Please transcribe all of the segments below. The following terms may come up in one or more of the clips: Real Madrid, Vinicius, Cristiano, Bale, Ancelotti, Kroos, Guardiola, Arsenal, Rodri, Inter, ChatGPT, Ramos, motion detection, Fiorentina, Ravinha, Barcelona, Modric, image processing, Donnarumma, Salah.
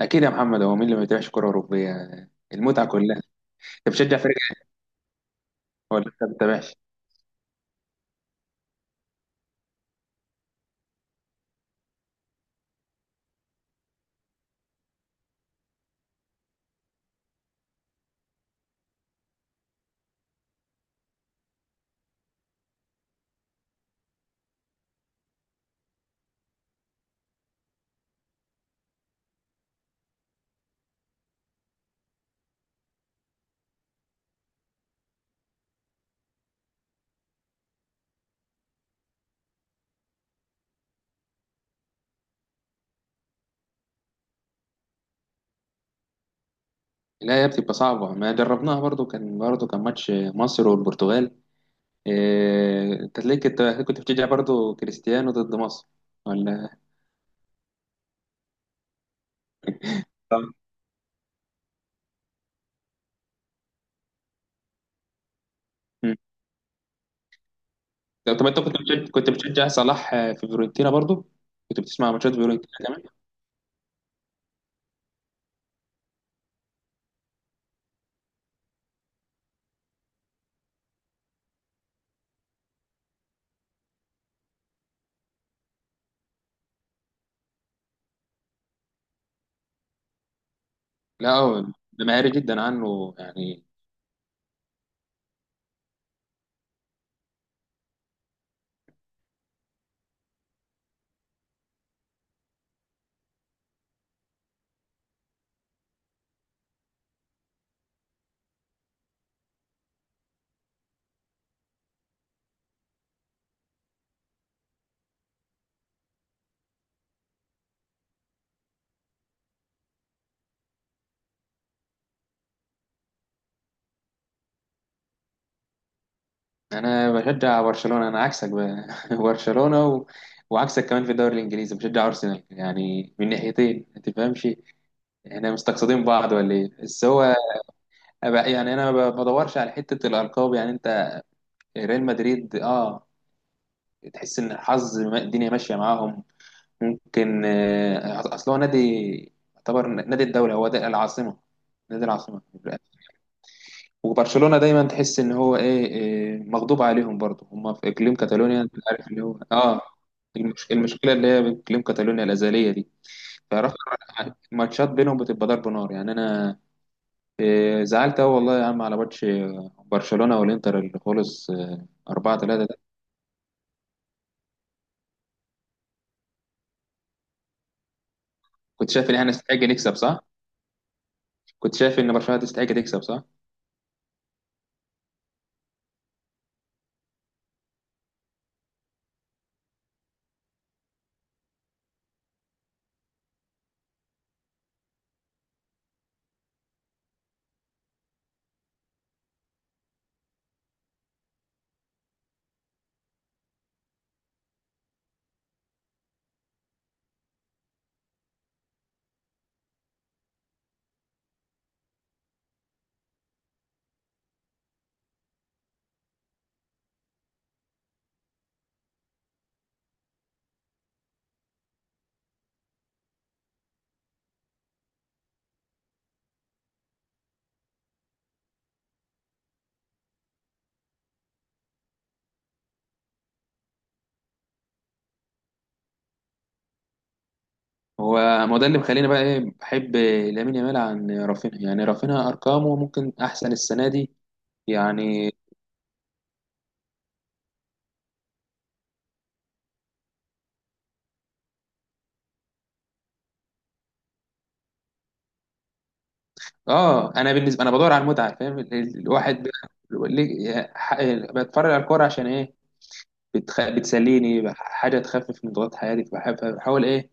اكيد يا محمد، هو مين اللي ما يتابعش كره اوروبيه؟ المتعه كلها. انت بتشجع فريق إيه، ولا انت ما بتتابعش؟ لا يا، بتبقى صعبه. ما جربناها برضو، كان ماتش مصر والبرتغال. انت تلاقيك انت كنت بتشجع برضو كريستيانو ضد مصر، ولا؟ طبعا. مم. طب انت كنت بتشجع صلاح في فيورنتينا برضو؟ كنت بتسمع ماتشات فيورنتينا كمان؟ لا، هو ده مهاري جدا عنه يعني. انا بشجع برشلونة، انا عكسك بقى. برشلونة و وعكسك كمان في الدوري الانجليزي بشجع ارسنال، يعني من ناحيتين. ما تفهمش احنا مستقصدين بعض ولا ايه؟ بس هو يعني انا ما بدورش على حتة الالقاب يعني. انت ريال مدريد، اه، تحس ان الحظ الدنيا ماشية معاهم. ممكن. اصل هو نادي يعتبر نادي الدولة. هو ده العاصمة، نادي العاصمة. وبرشلونة دايما تحس ان هو إيه مغضوب عليهم برضه. هم في اقليم كاتالونيا، انت عارف، اللي هو اه المشكله اللي هي بين اقليم كاتالونيا الازليه دي. فراح الماتشات بينهم بتبقى ضرب نار يعني. انا زعلت قوي والله يا عم على ماتش برشلونة والانتر اللي خلص 4-3 ده. كنت شايف ان احنا نستحق نكسب، صح؟ كنت شايف ان برشلونة تستحق تكسب، صح؟ هو ما هو ده اللي مخليني بقى ايه، بحب لامين يامال عن رافينها، يعني رافينها ارقامه ممكن احسن السنه دي يعني. اه، انا بالنسبه انا بدور على المتعه فاهم. الواحد ب- ليه- ح- بتفرج على الكوره عشان ايه؟ بتسليني حاجه تخفف من ضغط حياتي، فبحاول ايه.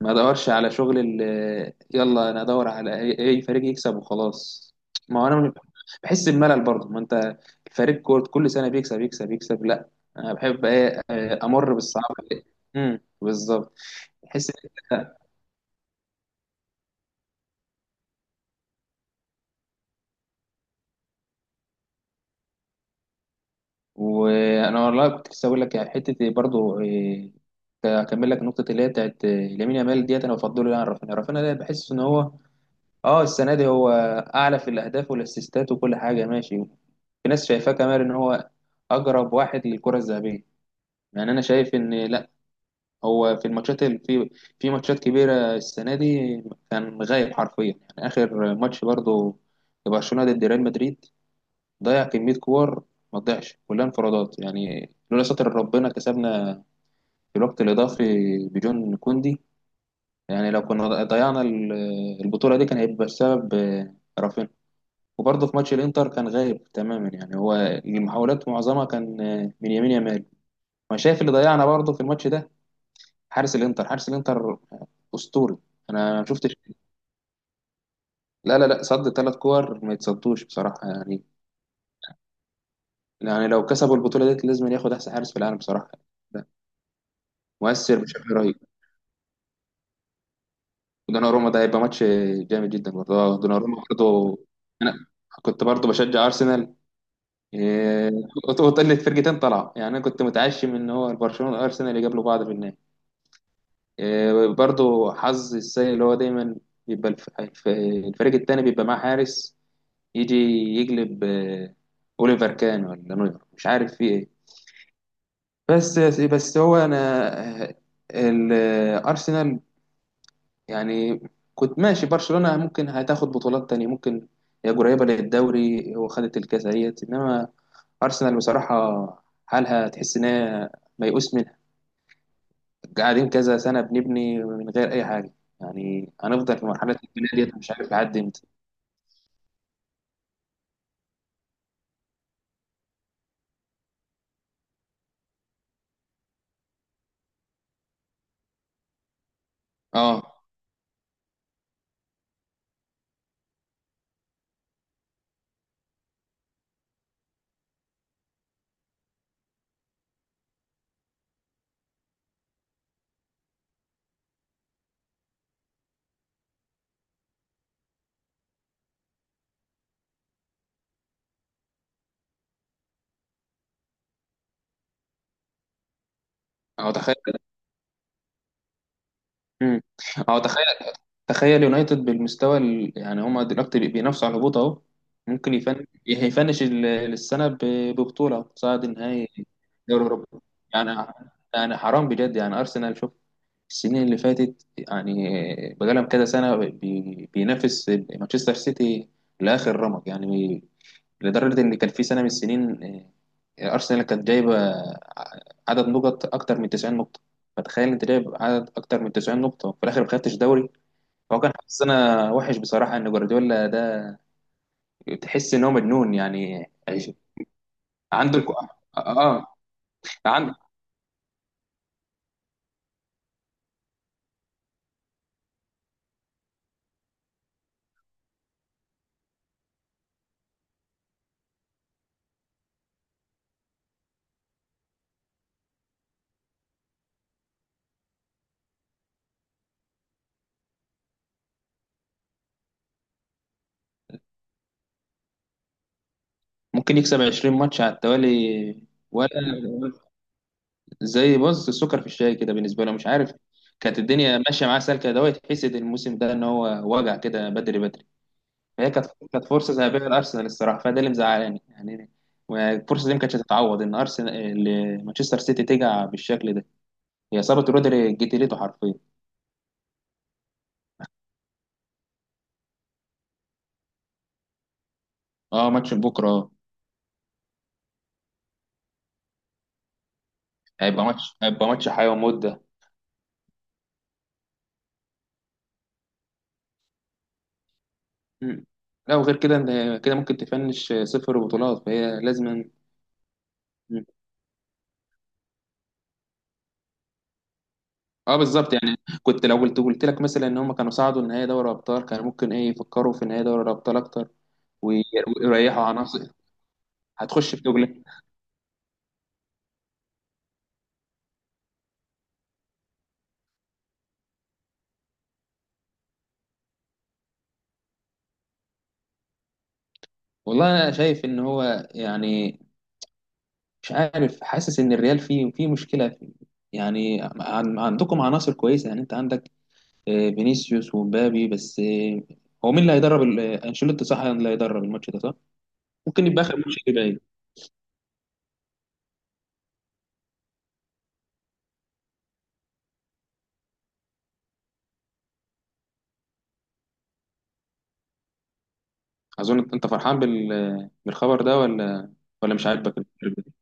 ما ادورش على شغل يلا انا ادور على أي فريق يكسب وخلاص. ما هو انا بحس بملل برضه. ما انت فريق كورة كل سنه بيكسب يكسب يكسب، لا. انا بحب ايه، امر بالصعاب. بالظبط. بحس، وانا والله كنت لسه اقول لك يعني حته إيه برضو اكمل لك النقطه اللي هي بتاعت لامين يامال ديت. انا بفضله يعني عن رافينيا. رافينيا ده بحس ان هو اه السنه دي هو اعلى في الاهداف والاسيستات وكل حاجه، ماشي. في ناس شايفاه كمان ان هو اقرب واحد للكره الذهبيه. يعني انا شايف ان لا، هو في الماتشات في ماتشات كبيره السنه دي كان غايب حرفيا يعني. اخر ماتش برضو برشلونه ضد ريال مدريد، ضيع كمية كور ما تضيعش، كلها انفرادات يعني. لولا ستر ربنا كسبنا في الوقت الإضافي بجون كوندي. يعني لو كنا ضيعنا البطولة دي كان هيبقى السبب رافينيا. وبرضه في ماتش الإنتر كان غايب تماما يعني. هو المحاولات معظمها كان من يمين يمال. ما شايف اللي ضيعنا برضه في الماتش ده. حارس الإنتر أسطوري. أنا ما شفتش. لا، لا، لا، صد ثلاث كور ما يتصدوش بصراحة يعني. يعني لو كسبوا البطولة دي لازم ياخد أحسن حارس في العالم بصراحة. مؤثر بشكل رهيب. ودوناروما ده هيبقى ماتش جامد جدا برضه، دوناروما برضه. انا كنت برضه بشجع ارسنال، إيه، وطلت فرقتين طلعوا يعني. انا كنت متعشم ان هو برشلونه وارسنال يقابلوا بعض في النهائي. برضه حظ السيء اللي هو دايما بيبقى الفريق التاني بيبقى معاه حارس يجي يقلب. اوليفر كان ولا نوير، مش عارف في ايه. بس هو انا الارسنال يعني كنت ماشي. برشلونة ممكن هتاخد بطولات تانية ممكن، هي قريبة للدوري وخدت الكاس اهيت. انما ارسنال بصراحة حالها تحس ان هي ميؤوس منها. قاعدين كذا سنة بنبني من غير اي حاجة، يعني هنفضل في مرحلة البناء ديت مش عارف لحد امتى. اه، هو تخيل امم هو تخيل تخيل يونايتد بالمستوى يعني هما دلوقتي بينافسوا على الهبوط اهو. ممكن يفنش السنه ببطوله أو تصعد نهائي دوري اوروبا يعني. يعني حرام بجد يعني. ارسنال شوف السنين اللي فاتت يعني بقالهم كذا سنه بينافس مانشستر سيتي لاخر رمق يعني. لدرجه ان كان في سنه من السنين، ارسنال كانت جايبه عدد نقط اكتر من 90 نقطه. فتخيل انت جايب عدد اكتر من 90 نقطه وفي الاخر ما خدتش دوري. هو كان حظنا وحش بصراحة، إن جوارديولا ده تحس إن هو مجنون يعني. عنده الكو... آه عنده ممكن يكسب 20 ماتش على التوالي، ولا زي بص السكر في الشاي كده بالنسبة له، مش عارف. كانت الدنيا ماشية معاه سالكة. ده يتحسد الموسم ده، إن هو وجع كده بدري بدري. فهي كانت فرصة ذهبية لأرسنال الصراحة، فده اللي مزعلاني يعني. والفرصة دي ما كانتش هتتعوض، إن أرسنال إن مانشستر سيتي تجع بالشكل ده. هي إصابة رودري جتلته حرفيا. اه ماتش بكرة. هيبقى ماتش حياة وموت ده. مم. لا، وغير كده إن كده ممكن تفنش صفر بطولات، فهي لازم. مم. اه بالظبط يعني. كنت لو قلت لك مثلا ان هم كانوا صعدوا النهائي دوري ابطال، كانوا ممكن ايه يفكروا في نهائي دوري الابطال اكتر وي- ويريحوا عناصر. هتخش في جوجل. والله انا شايف ان هو يعني، مش عارف، حاسس ان الريال فيه مشكله فيه. يعني عندكم عناصر كويسه يعني. انت عندك فينيسيوس ومبابي بس، هو مين اللي هيدرب انشيلوتي، صح؟ اللي هيدرب الماتش ده، صح؟ ممكن يبقى اخر ماتش ليه باين. اظن انت فرحان بالخبر ده، ولا؟ مش عاجبك الخبر ده؟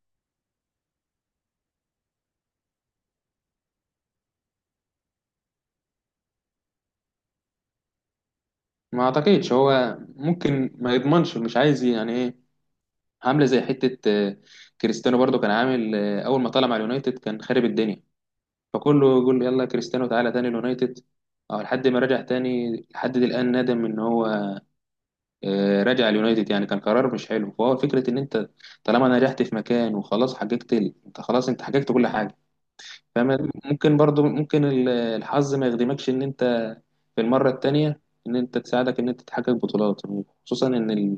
ما اعتقدش، هو ممكن ما يضمنش مش عايز يعني ايه، عامله زي حته كريستيانو برضو كان عامل اول ما طلع مع اليونايتد كان خارب الدنيا، فكله يقول يلا كريستيانو تعالى تاني اليونايتد. او لحد ما رجع تاني لحد دي الان ندم ان هو رجع اليونايتد، يعني كان قرار مش حلو. فهو فكره ان انت طالما نجحت في مكان وخلاص حققت انت خلاص انت حققت كل حاجه، فاهم. ممكن برضو ممكن الحظ ما يخدمكش ان انت في المره التانيه، ان انت تساعدك ان انت تحقق بطولات. خصوصا ان ال-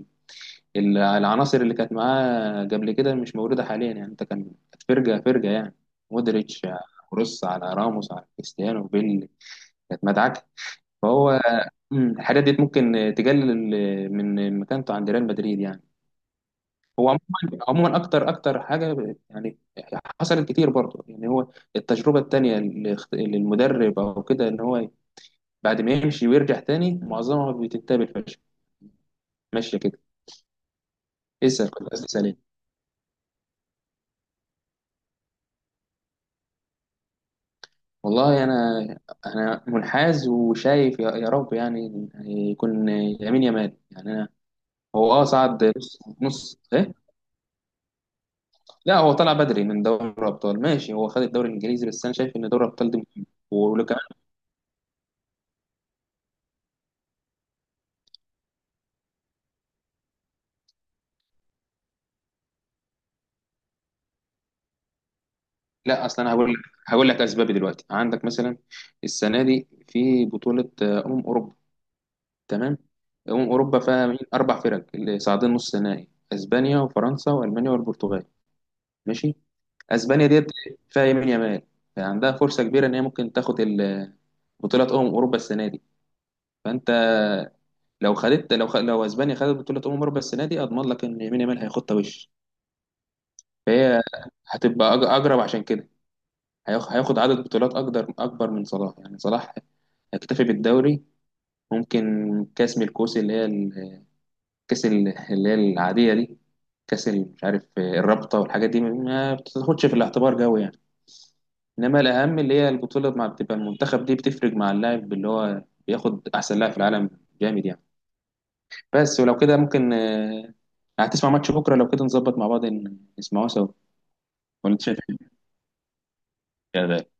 ال- العناصر اللي كانت معاه قبل كده مش موجوده حاليا يعني. انت كانت فرقه فرقه يعني، مودريتش على كروس على راموس على كريستيانو بيل، كانت مدعكه. فهو، الحاجات دي ممكن تقلل من مكانته عند ريال مدريد يعني. هو عموما عموما اكتر اكتر حاجه يعني، حصلت كتير برضه يعني. هو التجربه التانيه للمدرب او كده، ان هو بعد ما يمشي ويرجع تاني معظمها بتنتهي بالفشل ماشيه كده. اسال كنت قصدي سليم. والله انا منحاز وشايف يا رب يعني، إن يكون يمين يمال يعني. انا هو، اه، صعد نص ايه. لا هو طلع بدري من دوري الابطال ماشي، هو خد الدوري الانجليزي بس انا شايف ان دوري الابطال ده مهم. لا اصل انا هقول لك اسبابي دلوقتي. عندك مثلا السنه دي في بطوله اوروبا، تمام. اوروبا فيها مين؟ اربع فرق اللي صاعدين نص نهائي، اسبانيا وفرنسا والمانيا والبرتغال، ماشي. اسبانيا ديت فيها يمين يمال، فعندها فرصه كبيره ان هي ممكن تاخد بطوله اوروبا السنه دي. فانت لو اسبانيا خدت بطوله اوروبا السنه دي اضمن لك ان يمين يمال هياخدها وش. فهي هتبقى اقرب، عشان كده هياخد عدد بطولات أكبر من صلاح، يعني صلاح هيكتفي بالدوري. ممكن كأس من الكؤوس اللي هي الكأس اللي هي العادية دي، مش عارف، الرابطة والحاجات دي ما بتاخدش في الاعتبار قوي يعني. إنما الأهم اللي هي البطولة مع بتبقى المنتخب دي بتفرق مع اللاعب اللي هو بياخد أحسن لاعب في العالم، جامد يعني. بس ولو كده ممكن، هتسمع ماتش بكرة؟ لو كده نظبط مع بعض نسمعه سوا. ولا أنت شايف إيه؟